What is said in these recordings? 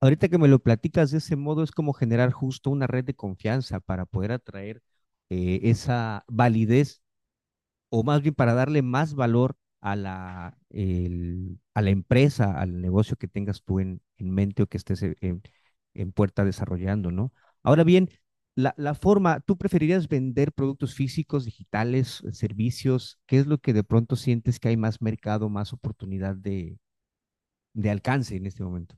Ahorita que me lo platicas de ese modo, es como generar justo una red de confianza para poder atraer esa validez, o más bien para darle más valor a la empresa, al negocio que tengas tú en mente o que estés en puerta desarrollando, ¿no? Ahora bien, la forma, ¿tú preferirías vender productos físicos, digitales, servicios? ¿Qué es lo que de pronto sientes que hay más mercado, más oportunidad de alcance en este momento?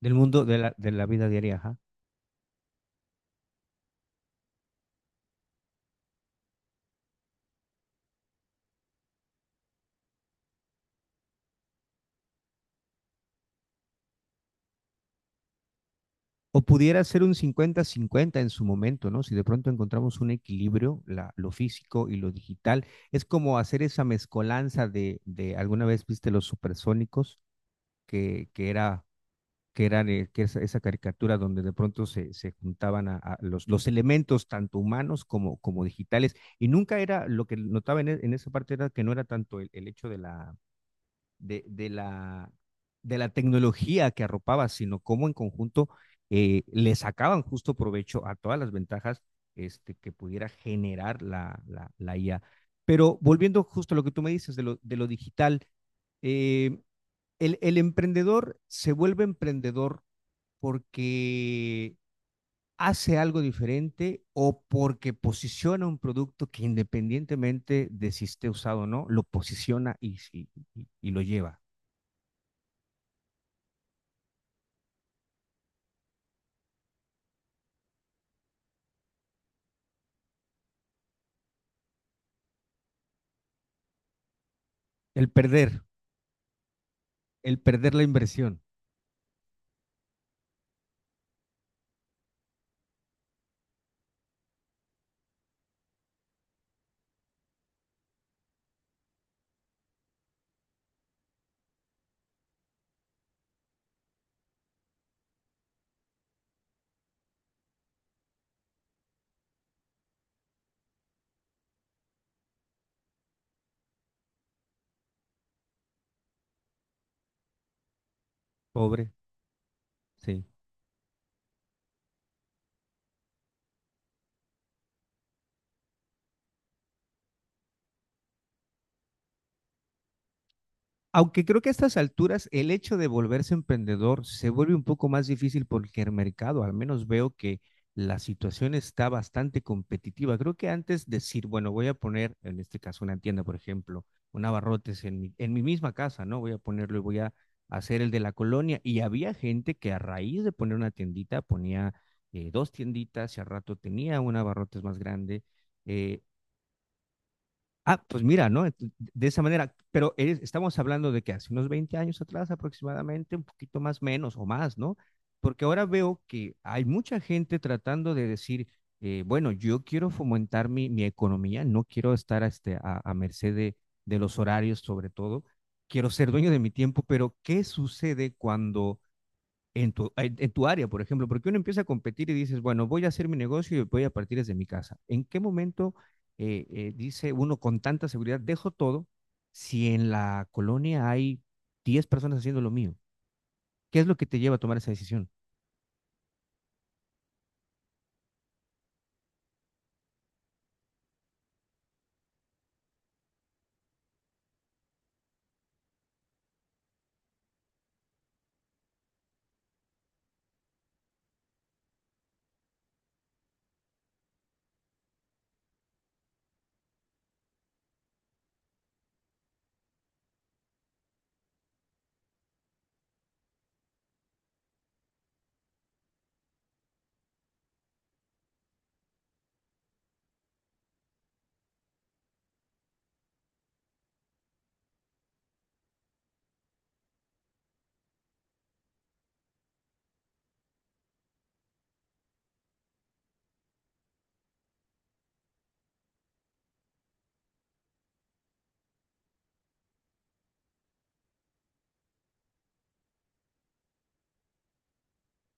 Del mundo de de la vida diaria, ajá. O pudiera ser un cincuenta-cincuenta en su momento, ¿no? Si de pronto encontramos un equilibrio, lo físico y lo digital, es como hacer esa mezcolanza de alguna vez viste los supersónicos, que era que eran que esa caricatura donde de pronto se juntaban a los elementos tanto humanos como, como digitales. Y nunca era, lo que notaba en esa parte era que no era tanto el hecho de de, de la, de la tecnología que arropaba, sino cómo en conjunto le sacaban justo provecho a todas las ventajas que pudiera generar IA. Pero volviendo justo a lo que tú me dices de de lo digital, eh, el emprendedor se vuelve emprendedor porque hace algo diferente o porque posiciona un producto que, independientemente de si esté usado o no, lo posiciona y lo lleva. El perder, el perder la inversión, pobre, sí. Aunque creo que a estas alturas el hecho de volverse emprendedor se vuelve un poco más difícil porque el mercado, al menos veo que la situación está bastante competitiva. Creo que antes decir, bueno, voy a poner, en este caso una tienda, por ejemplo, un abarrotes en en mi misma casa, ¿no? Voy a ponerlo y voy a hacer el de la colonia. Y había gente que, a raíz de poner una tiendita, ponía dos tienditas y al rato tenía un abarrotes más grande. Eh, pues mira, ¿no? De esa manera, pero estamos hablando de que hace unos 20 años atrás aproximadamente, un poquito más menos o más, ¿no? Porque ahora veo que hay mucha gente tratando de decir, bueno, yo quiero fomentar mi economía, no quiero estar a merced de los horarios sobre todo, quiero ser dueño de mi tiempo, pero ¿qué sucede cuando en en tu área, por ejemplo, porque uno empieza a competir y dices, bueno, voy a hacer mi negocio y voy a partir desde mi casa? ¿En qué momento dice uno con tanta seguridad, dejo todo si en la colonia hay 10 personas haciendo lo mío? ¿Qué es lo que te lleva a tomar esa decisión?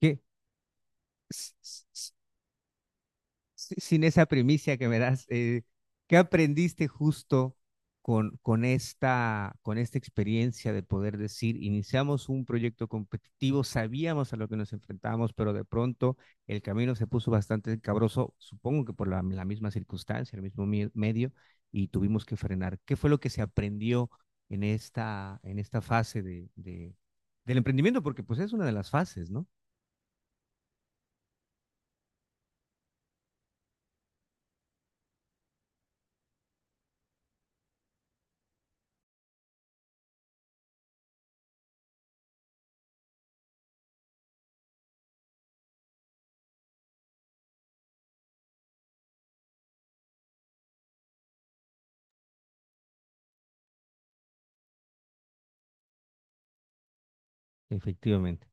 ¿Qué? Sin esa primicia que me das, ¿qué aprendiste justo con esta experiencia de poder decir, iniciamos un proyecto competitivo, sabíamos a lo que nos enfrentábamos, pero de pronto el camino se puso bastante cabroso, supongo que por la misma circunstancia, el mismo medio, y tuvimos que frenar? ¿Qué fue lo que se aprendió en esta fase del emprendimiento? Porque pues es una de las fases, ¿no? Efectivamente.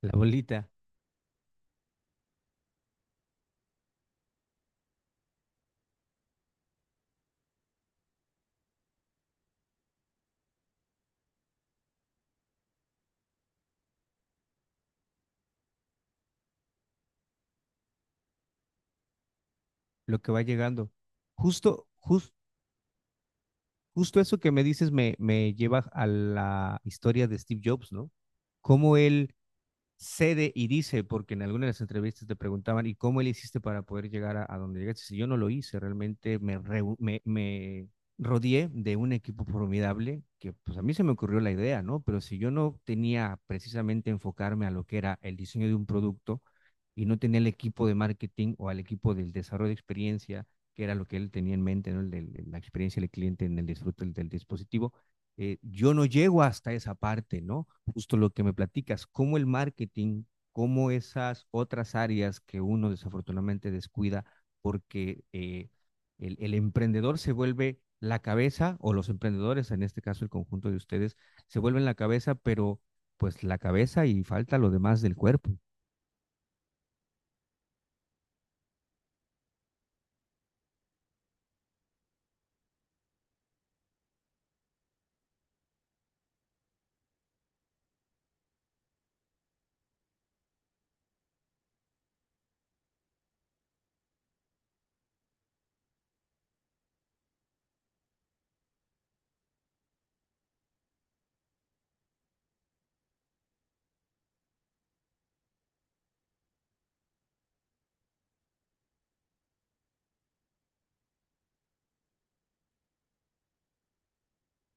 La bolita. Lo que va llegando. Justo, jus- Justo eso que me dices me, me lleva a la historia de Steve Jobs, ¿no? Cómo él cede y dice, porque en algunas de las entrevistas te preguntaban, ¿y cómo le hiciste para poder llegar a donde llegaste? Si yo no lo hice, realmente me rodeé de un equipo formidable, que pues a mí se me ocurrió la idea, ¿no? Pero si yo no tenía precisamente enfocarme a lo que era el diseño de un producto y no tenía el equipo de marketing o al equipo del desarrollo de experiencia, que era lo que él tenía en mente, ¿no? El de, la experiencia del cliente en el disfrute del dispositivo, yo no llego hasta esa parte, ¿no? Justo lo que me platicas, cómo el marketing, cómo esas otras áreas que uno desafortunadamente descuida porque el emprendedor se vuelve la cabeza, o los emprendedores, en este caso el conjunto de ustedes, se vuelven la cabeza, pero pues la cabeza y falta lo demás del cuerpo.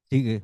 Sigue.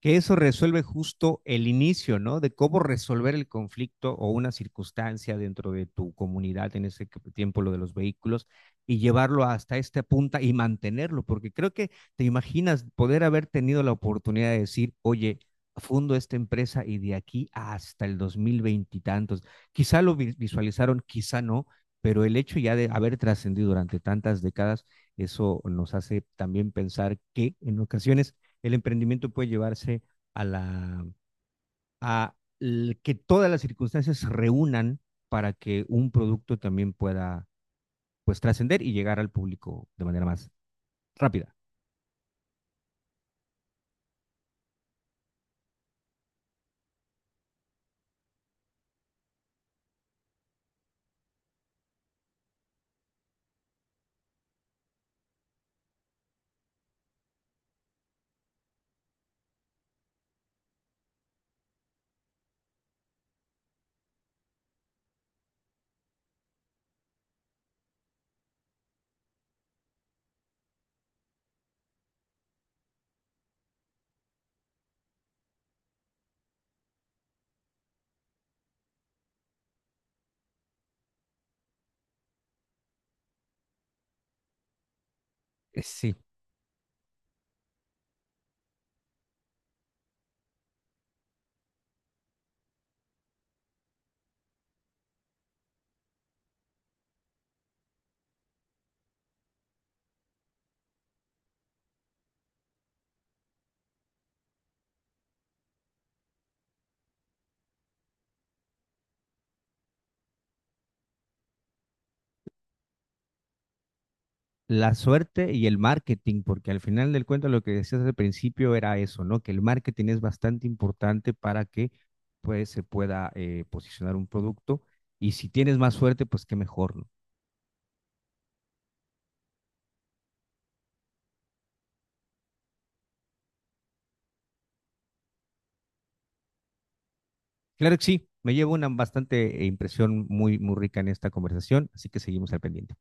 Que eso resuelve justo el inicio, ¿no? De cómo resolver el conflicto o una circunstancia dentro de tu comunidad, en ese tiempo lo de los vehículos, y llevarlo hasta esta punta y mantenerlo, porque creo que te imaginas poder haber tenido la oportunidad de decir, oye, fundo esta empresa y de aquí hasta el 2020 y tantos. Quizá lo visualizaron, quizá no, pero el hecho ya de haber trascendido durante tantas décadas, eso nos hace también pensar que en ocasiones el emprendimiento puede llevarse a la a que todas las circunstancias se reúnan para que un producto también pueda pues trascender y llegar al público de manera más rápida. Sí, la suerte y el marketing, porque al final del cuento lo que decías al principio era eso, ¿no? Que el marketing es bastante importante para que pues se pueda posicionar un producto, y si tienes más suerte, pues qué mejor, ¿no? Claro que sí, me llevo una bastante impresión muy, muy rica en esta conversación, así que seguimos al pendiente.